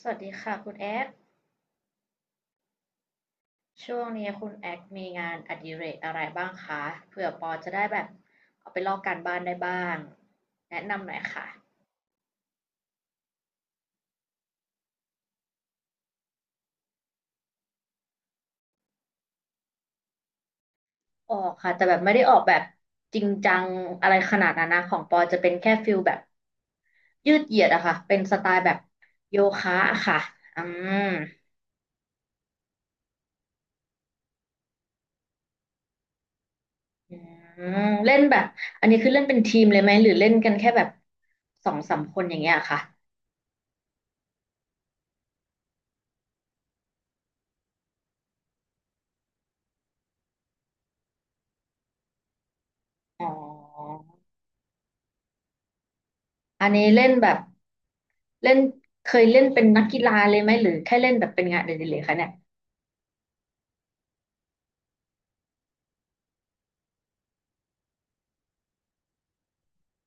สวัสดีค่ะคุณแอคช่วงนี้คุณแอคมีงานอดิเรกอะไรบ้างคะเผื่อปอจะได้แบบเอาไปลอกการบ้านได้บ้างแนะนำหน่อยค่ะออกค่ะแต่แบบไม่ได้ออกแบบจริงจังอะไรขนาดนั้นนะของปอจะเป็นแค่ฟิลแบบยืดเหยียดอะค่ะเป็นสไตล์แบบโยคะอะค่ะอืมอืมเล่นแบบอันนี้คือเล่นเป็นทีมเลยไหมหรือเล่นกันแค่แบบสองสามคนอย่างเงี้ยค่ะอ๋ออันนี้เล่นแบบ เล่นเคยเล่นเป็นนักกีฬาเลยไหมหรือแค่เล่นแบบเป็นงานเดลิเลยคะเนี่ย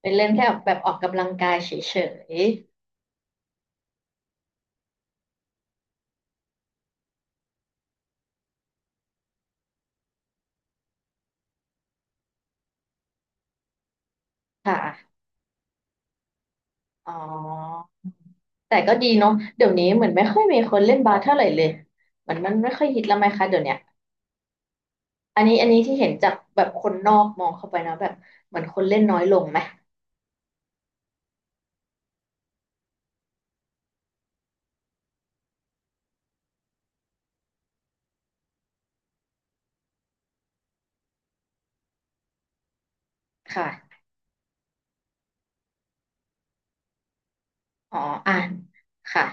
เป็นเล่นแค่แบบออกกำลังกายเฉยๆค่ะอ๋อแต่ก็ดีเนาะเดี๋ยวนี้เหมือนไม่ค่อยมีคนเล่นบาสเท่าไหร่เลยเหมือนมันไม่ค่อยฮิตแล้วไหมคะเดี๋ยวเนี้ยอันนี้ที่เห็นจากแบบคนนอกมองเข้าไปนะแบบเหมือนคนเล่นน้อยลงไหมค่ะอ๋ออ่านค่ะ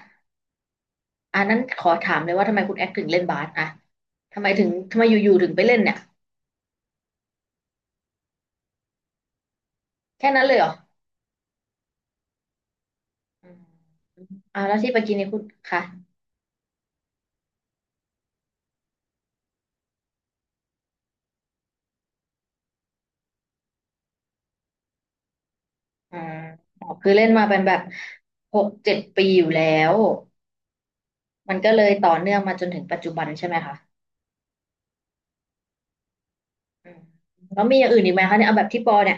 อันนั้นขอถามเลยว่าทำไมคุณแอคถึงเล่นบาสอะทำไมอยู่ๆถึงไปเล่นเนี่ยแค่นั้นเลยเหรออืมอ่าแล้วที่ไปกินนี่คุณค่ะ อ่าอ๋อคือเล่นมาเป็นแบบหกเจ็ดปีอยู่แล้วมันก็เลยต่อเนื่องมาจนถึงปัจจุบันใช่ไหมคะอืมแล้วมีอย่างอื่นอีกไหมคะเนี่ยเอาแบบที่ปอเนี่ย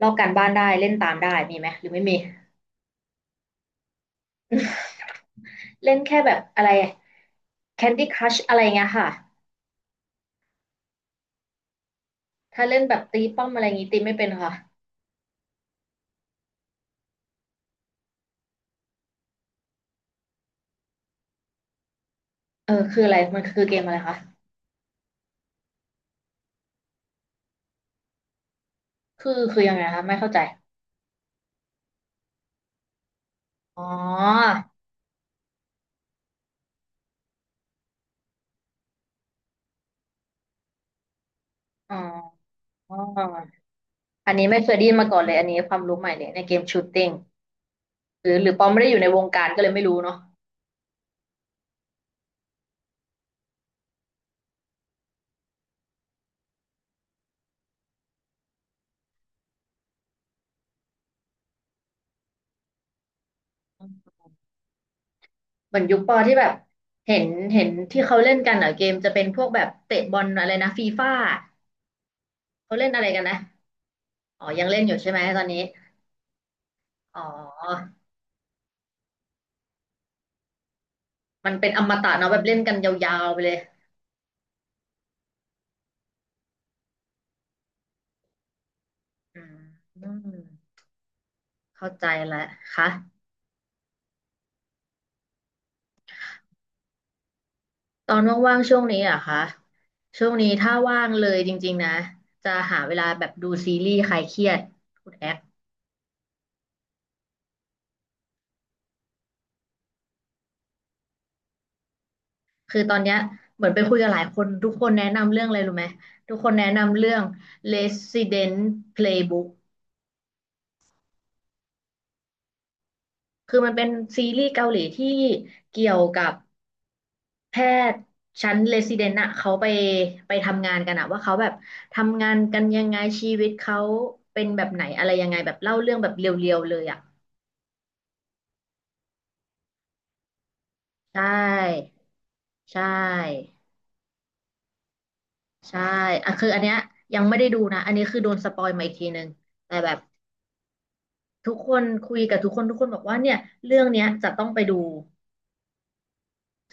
ลอกการบ้านได้เล่นตามได้มีไหมหรือไม่มีเล่นแค่แบบอะไร Candy Crush อะไรเงี้ยค่ะถ้าเล่นแบบตีป้อมอะไรงี้ตีไม่เป็นค่ะเออคืออะไรมันคือเกมอะไรคะคือยังไงคะไม่เข้าใจอ๋ออ๋ออันนี้ไม่เคยได้ยินมาก่อนเลยอันนี้ความรู้ใหม่เลยในเกมชูตติ้ง หรือปอไม่ได้อยู่ในวงการก็เลยไม่รู้เนาะเหมือนยุคปอที่แบบเห็นเห็นที่เขาเล่นกันเหรอเกมจะเป็นพวกแบบเตะบอลอะไรนะฟีฟ่าเขาเล่นอะไรกันนะอ๋อยังเล่นอยู่ใช่ไหมตอนนี้อ๋อมันเป็นอมตะเนาะแบบเล่นกันยาวๆไปเลยอืมอืมเข้าใจแล้วค่ะตอนว่างๆช่วงนี้เหรอะคะช่วงนี้ถ้าว่างเลยจริงๆนะจะหาเวลาแบบดูซีรีส์คลายเครียดคุณแอค คือตอนเนี้ยเหมือนไปคุยกับหลายคนทุกคนแนะนำเรื่องอะไรรู้ไหมทุกคนแนะนำเรื่อง Resident Playbook คือมันเป็นซีรีส์เกาหลีที่เกี่ยวกับแพทย์ชั้น Resident อะเขาไปทำงานกันอะว่าเขาแบบทำงานกันยังไงชีวิตเขาเป็นแบบไหนอะไรยังไงแบบเล่าเรื่องแบบเรียวๆเลยอะใช่ใช่ใช่อ่ะคืออันเนี้ยยังไม่ได้ดูนะอันนี้คือโดนสปอยมาอีกทีนึงแต่แบบ ทุกคนคุยกับทุกคนทุกคนบอกว่าเนี่ยเรื่องเนี้ยจะต้องไปดู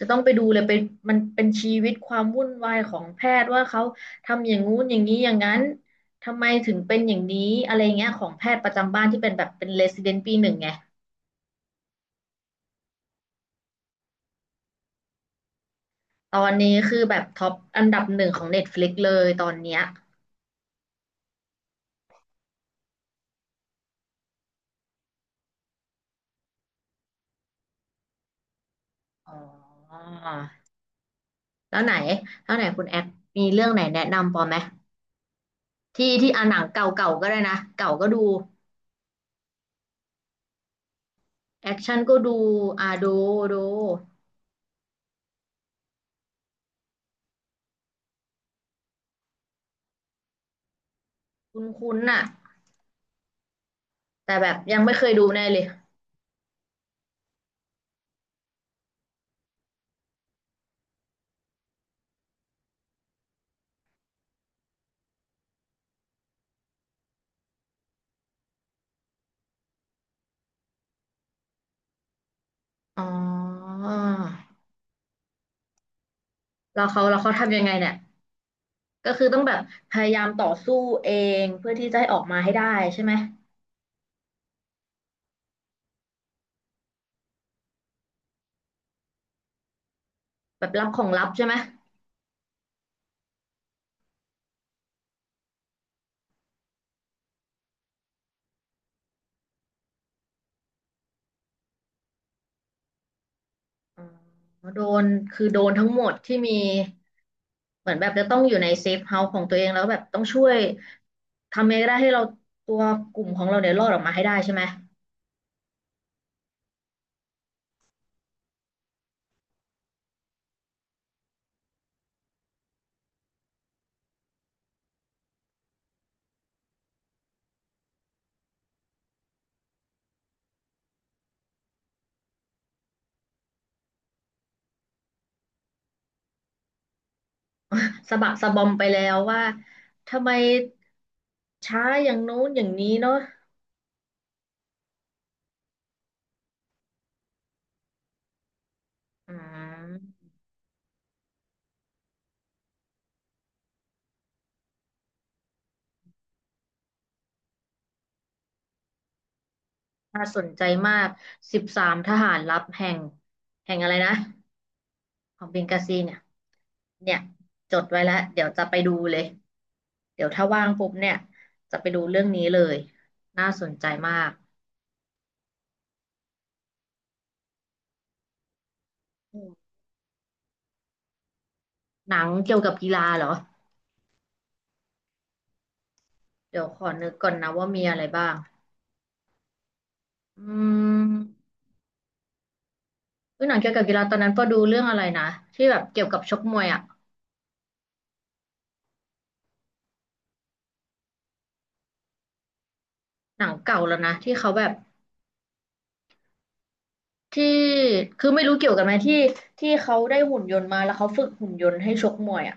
จะต้องไปดูเลยเป็นมันเป็นชีวิตความวุ่นวายของแพทย์ว่าเขาทำอย่างงู้นอย่างนี้อย่างนั้นทำไมถึงเป็นอย่างนี้อะไรเงี้ยของแพทย์ประจำบ้านที่เป็นแบบเป็นเรซิเดนต์ปีหนึ่งไงตอนนี้คือแบบท็อปอันดับหนึ่งของ Netflix เลยตอนเนี้ยอ๋อแล้วไหนแล้วไหนคุณแอคมีเรื่องไหนแนะนำปอไหมที่ที่อ่าหนังเก่าๆก็ได้นะเก่าก็ดูแอคชั่นก็ดูอ่าดูดู คุ้นๆน่ะแต่แบบยังไม่เคยดูแน่เลยอ๋อแล้วเขาทำยังไงเนี่ยก็คือต้องแบบพยายามต่อสู้เองเพื่อที่จะให้ออกมาให้ได้ใช่ไหมแบบรับของลับใช่ไหมอ๋อโดนคือโดนทั้งหมดที่มีเหมือนแบบจะต้องอยู่ในเซฟเฮาส์ของตัวเองแล้วแบบต้องช่วยทำยังไงก็ได้ให้เราตัวกลุ่มของเราเนี่ยรอดออกมาให้ได้ใช่ไหมสะบักสะบอมไปแล้วว่าทำไมช้าอย่างโน้นอย่างนี้เนาะอืม น่าสนใจมากสิบสามทหารลับแห่งแห่งอะไรนะของเบงกาซีเนี่ยเนี่ยจดไว้แล้ว เดี๋ยวจะไปดูเลย เดี๋ยวถ้าว่างปุ๊บเนี่ยจะไปดูเรื่องนี้เลย น่าสนใจมากอืมหนังเกี่ยวกับกีฬาเหรอ เดี๋ยวขอนึกก่อนนะว่ามีอะไรบ้างอืมอุ๊ยหนังเกี่ยวกับกีฬาตอนนั้นพอดูเรื่องอะไรนะที่แบบเกี่ยวกับชกมวยอะหนังเก่าแล้วนะที่เขาแบบ ที่คือไม่รู้เกี่ยวกันไหมที่เขาได้หุ่นยนต์มาแล้วเขาฝึกหุ่นยนต์ให้ชกมวยอ่ะ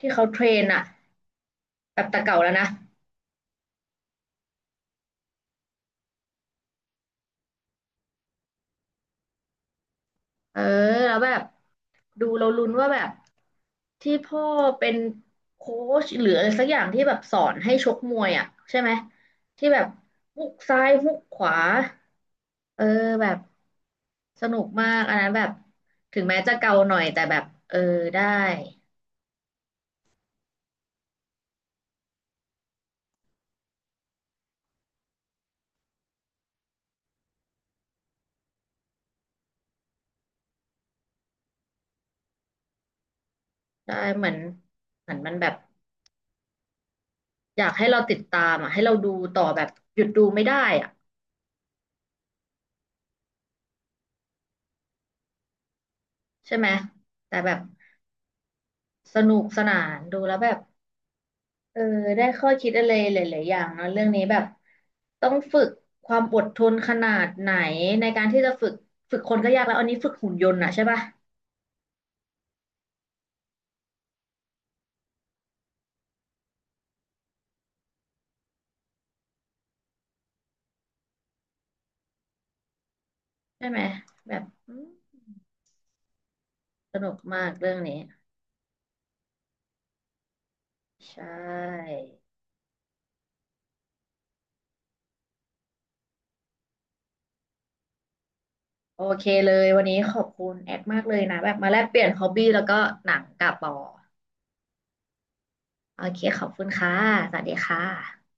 ที่เขาเทรนอ่ะแบบแต่เก่าแล้วนะเออแล้วแบบดูเราลุ้นว่าแบบที่พ่อเป็นโค้ชหรืออะไรสักอย่างที่แบบสอนให้ชกมวยอ่ะใช่ไหมที่แบบฮุกซ้ายฮุกขวาเออแบบสนุกมากอันนั้นแบบถึงแม้จะเก่าหน่อยแต่แบบเออได้ได้เหมือนมันแบบ อยากให้เราติดตามอ่ะให้เราดูต่อแบบหยุดดูไม่ได้อ่ะใช่ไหมแต่แบบสนุกสนานดูแล้วแบบเออได้ข้อคิดอะไรหลายๆอย่างเนอะเรื่องนี้แบบต้องฝึกความอดทนขนาดไหนในการที่จะฝึกฝึกคนก็ยากแล้วอันนี้ฝึกหุ่นยนต์อ่ะใช่ป่ะใช่ไหมแบบอืมสนุกมากเรื่องนี้ใช่โอเคเลยวันนี้ขอบคุณแอดมากเลยนะแบบมาแลกเปลี่ยนฮอบบี้แล้วก็หนังกับปอโอเคขอบคุณค่ะสวัสดีค่ะ